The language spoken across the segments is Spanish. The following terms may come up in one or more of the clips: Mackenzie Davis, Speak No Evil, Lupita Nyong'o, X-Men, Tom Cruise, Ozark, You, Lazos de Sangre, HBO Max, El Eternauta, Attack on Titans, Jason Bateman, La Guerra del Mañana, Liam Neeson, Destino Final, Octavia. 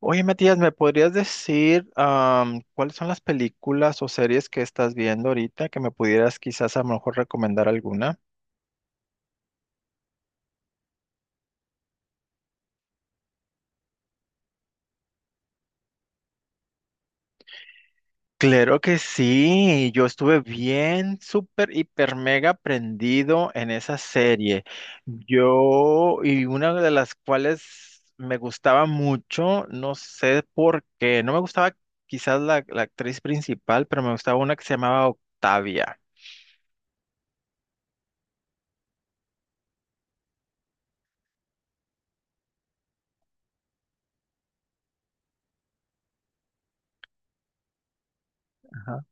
Oye, Matías, ¿me podrías decir cuáles son las películas o series que estás viendo ahorita que me pudieras quizás a lo mejor recomendar alguna? Claro que sí, yo estuve bien, súper, hiper, mega prendido en esa serie. Yo, y una de las cuales me gustaba mucho, no sé por qué, no me gustaba quizás la actriz principal, pero me gustaba una que se llamaba Octavia. Ajá.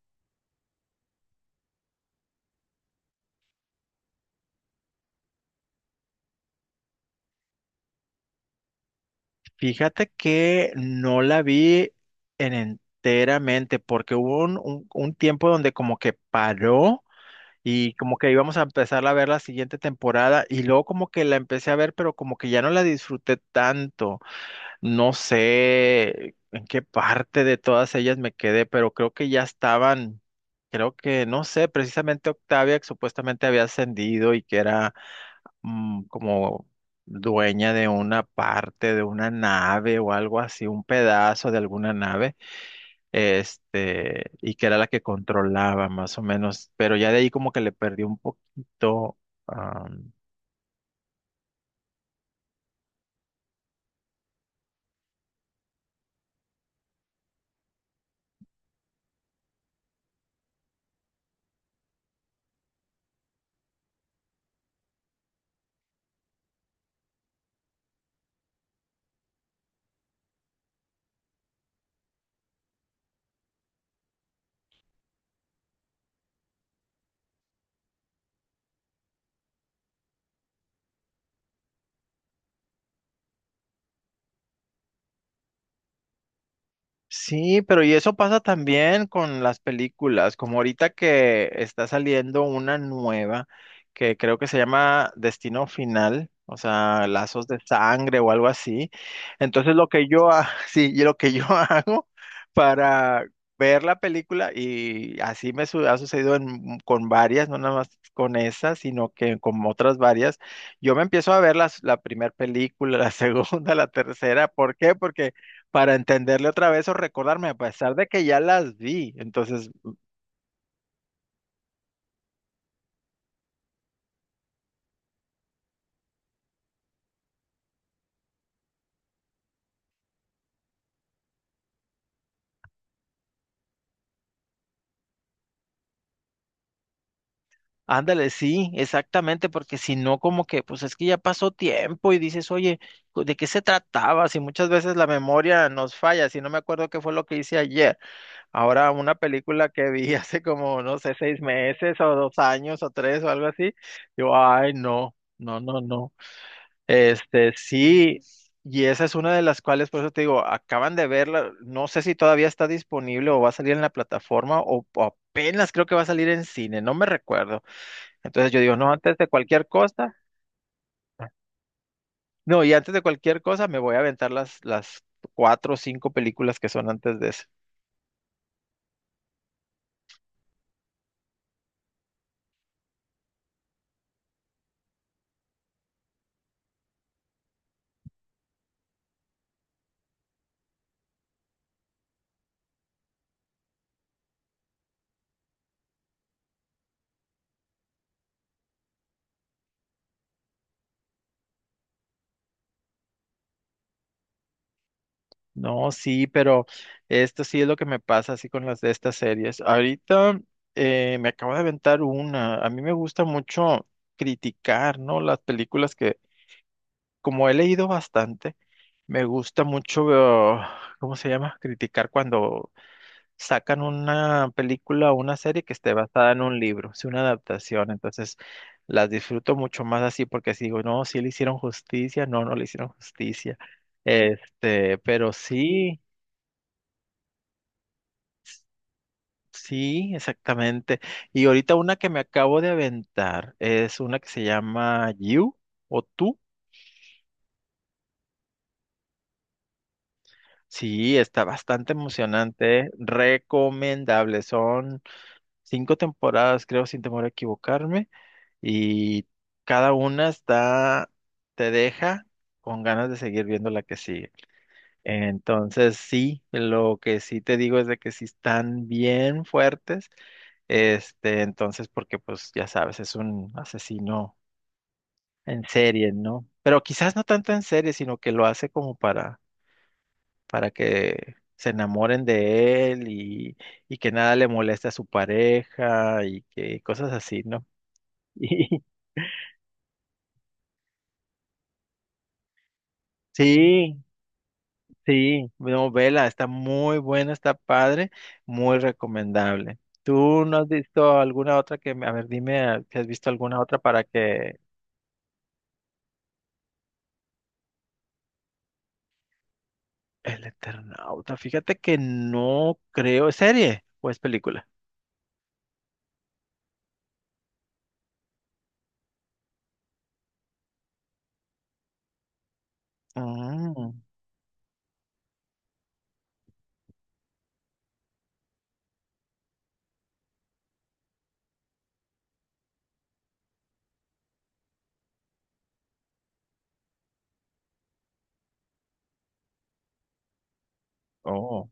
Fíjate que no la vi en enteramente porque hubo un tiempo donde como que paró y como que íbamos a empezar a ver la siguiente temporada y luego como que la empecé a ver pero como que ya no la disfruté tanto. No sé en qué parte de todas ellas me quedé, pero creo que ya estaban, creo que, no sé, precisamente Octavia que supuestamente había ascendido y que era como dueña de una parte de una nave o algo así, un pedazo de alguna nave, y que era la que controlaba más o menos, pero ya de ahí como que le perdí un poquito. Sí, pero y eso pasa también con las películas, como ahorita que está saliendo una nueva que creo que se llama Destino Final, o sea, Lazos de Sangre o algo así. Entonces lo que yo, ha- sí, y lo que yo hago para ver la película, y así ha sucedido con varias, no nada más con esa, sino que con otras varias, yo me empiezo a ver la primera película, la segunda, la tercera, ¿por qué? Porque para entenderle otra vez o recordarme, a pesar de que ya las vi. Entonces, ándale, sí, exactamente, porque si no, como que, pues es que ya pasó tiempo y dices, oye, ¿de qué se trataba? Si muchas veces la memoria nos falla, si no me acuerdo qué fue lo que hice ayer. Ahora, una película que vi hace como, no sé, 6 meses o 2 años o tres o algo así, yo, ay, no, no, no, no. Sí, y esa es una de las cuales, por eso te digo, acaban de verla, no sé si todavía está disponible o va a salir en la plataforma o apenas creo que va a salir en cine, no me recuerdo. Entonces yo digo, no, antes de cualquier cosa, no, y antes de cualquier cosa me voy a aventar las cuatro o cinco películas que son antes de eso. No, sí, pero esto sí es lo que me pasa así con las de estas series. Ahorita me acabo de aventar una, a mí me gusta mucho criticar, ¿no? Las películas que como he leído bastante, me gusta mucho, ¿cómo se llama? Criticar cuando sacan una película o una serie que esté basada en un libro, es una adaptación, entonces las disfruto mucho más así porque si digo, no, sí le hicieron justicia, no, no le hicieron justicia, pero sí, sí, exactamente. Y ahorita una que me acabo de aventar es una que se llama You o Tú. Sí, está bastante emocionante, ¿eh? Recomendable. Son cinco temporadas, creo, sin temor a equivocarme, y cada una está, te deja con ganas de seguir viendo la que sigue. Entonces, sí, lo que sí te digo es de que sí están bien fuertes, entonces, porque pues ya sabes, es un asesino en serie, ¿no? Pero quizás no tanto en serie, sino que lo hace como para que se enamoren de él y que nada le moleste a su pareja y que cosas así, ¿no? Y- Sí, sí, no, vela, está muy buena, está padre, muy recomendable. ¿Tú no has visto alguna otra que, me- a ver, dime si has visto alguna otra para que El Eternauta, fíjate que no creo, ¿es serie o es película? Mm, oh.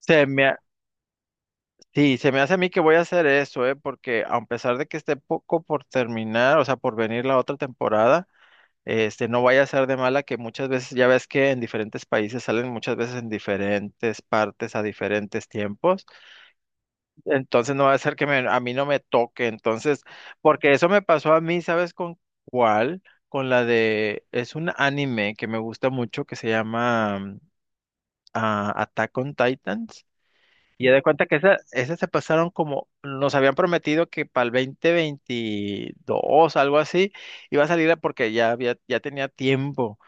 Se me, ha- sí, se me hace a mí que voy a hacer eso, ¿eh? Porque a pesar de que esté poco por terminar, o sea, por venir la otra temporada, no vaya a ser de mala que muchas veces, ya ves que en diferentes países salen muchas veces en diferentes partes a diferentes tiempos, entonces no va a ser que me- a mí no me toque, entonces, porque eso me pasó a mí, ¿sabes con cuál? Con la de, es un anime que me gusta mucho que se llama Attack on Titans, y ya de cuenta que esa se pasaron como, nos habían prometido que para el 2022, algo así, iba a salir porque ya había, ya tenía tiempo.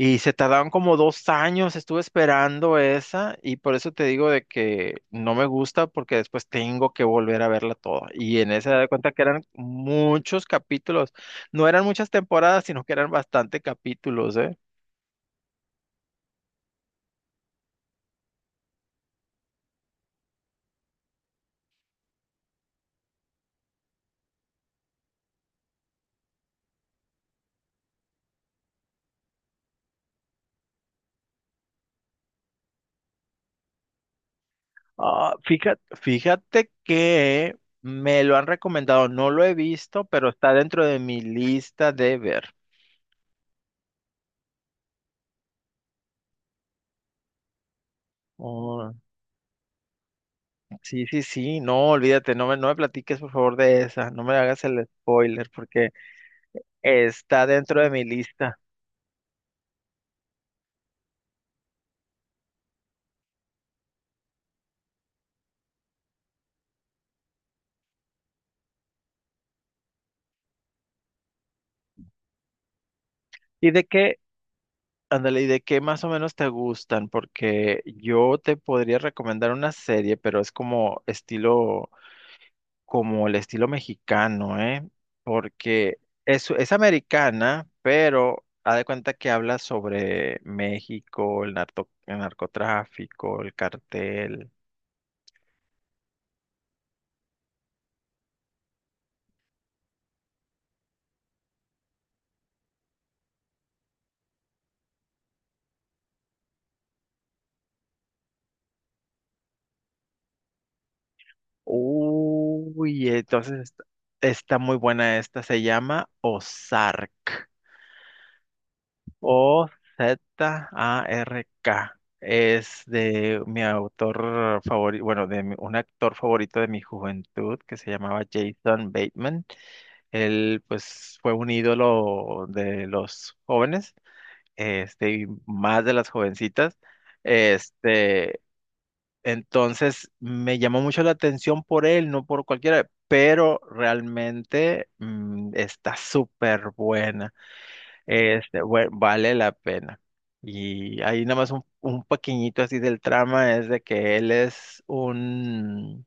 Y se tardaron como 2 años, estuve esperando esa y por eso te digo de que no me gusta porque después tengo que volver a verla toda. Y en esa de cuenta que eran muchos capítulos, no eran muchas temporadas, sino que eran bastante capítulos, ¿eh? Ah, fíjate, fíjate que me lo han recomendado, no lo he visto, pero está dentro de mi lista de ver. Oh, sí, sí, sí, no, olvídate, no me platiques por favor de esa, no me hagas el spoiler. Está dentro de mi lista. ¿Y de qué, ándale, ¿y de qué más o menos te gustan? Porque yo te podría recomendar una serie, pero es como estilo, como el estilo mexicano, ¿eh? Porque es americana, pero haz de cuenta que habla sobre México, el narcotráfico, el cartel. Uy, entonces está muy buena esta. Se llama Ozark. O-Z-A-R-K. Es de mi autor favorito, bueno, un actor favorito de mi juventud que se llamaba Jason Bateman. Él, pues, fue un ídolo de los jóvenes, este, y más de las jovencitas. Este, entonces me llamó mucho la atención por él, no por cualquiera, pero realmente está súper buena. Vale la pena. Y ahí nada más un pequeñito así del trama es de que él es un,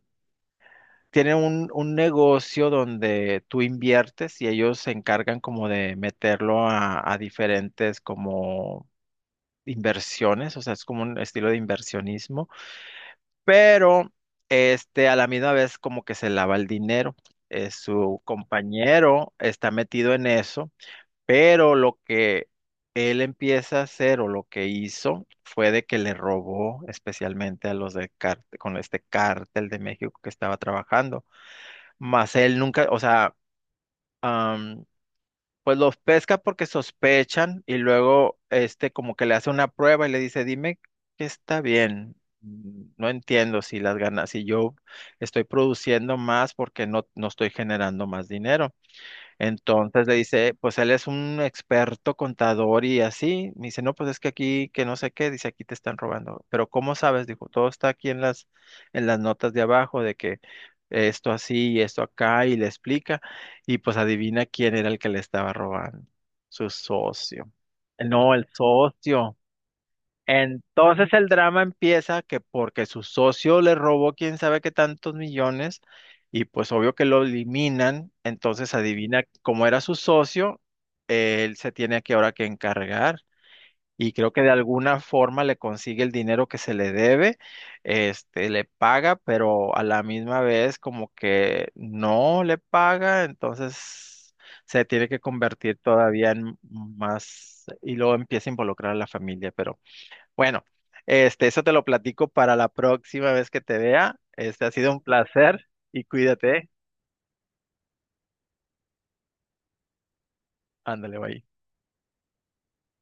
tiene un negocio donde tú inviertes y ellos se encargan como de meterlo a diferentes como inversiones, o sea, es como un estilo de inversionismo pero este a la misma vez como que se lava el dinero. Su compañero está metido en eso, pero lo que él empieza a hacer o lo que hizo fue de que le robó especialmente a los de cártel, con este cártel de México que estaba trabajando. Más él nunca, o sea, pues los pesca porque sospechan y luego como que le hace una prueba y le dice, dime que está bien. Mm. No entiendo si las ganas, si yo estoy produciendo más porque no, no estoy generando más dinero. Entonces le dice, pues él es un experto contador y así. Me dice, no, pues es que aquí, que no sé qué, dice, aquí te están robando. Pero ¿cómo sabes? Dijo, todo está aquí en las, notas de abajo de que esto así y esto acá y le explica. Y pues adivina quién era el que le estaba robando. Su socio. No, el socio. Entonces el drama empieza que porque su socio le robó quién sabe qué tantos millones y pues obvio que lo eliminan, entonces adivina cómo era su socio, él se tiene aquí ahora que encargar y creo que de alguna forma le consigue el dinero que se le debe, le paga, pero a la misma vez como que no le paga, entonces se tiene que convertir todavía en más y luego empieza a involucrar a la familia, pero bueno, eso te lo platico para la próxima vez que te vea. Este ha sido un placer y cuídate. ¿Eh? Ándale, bye.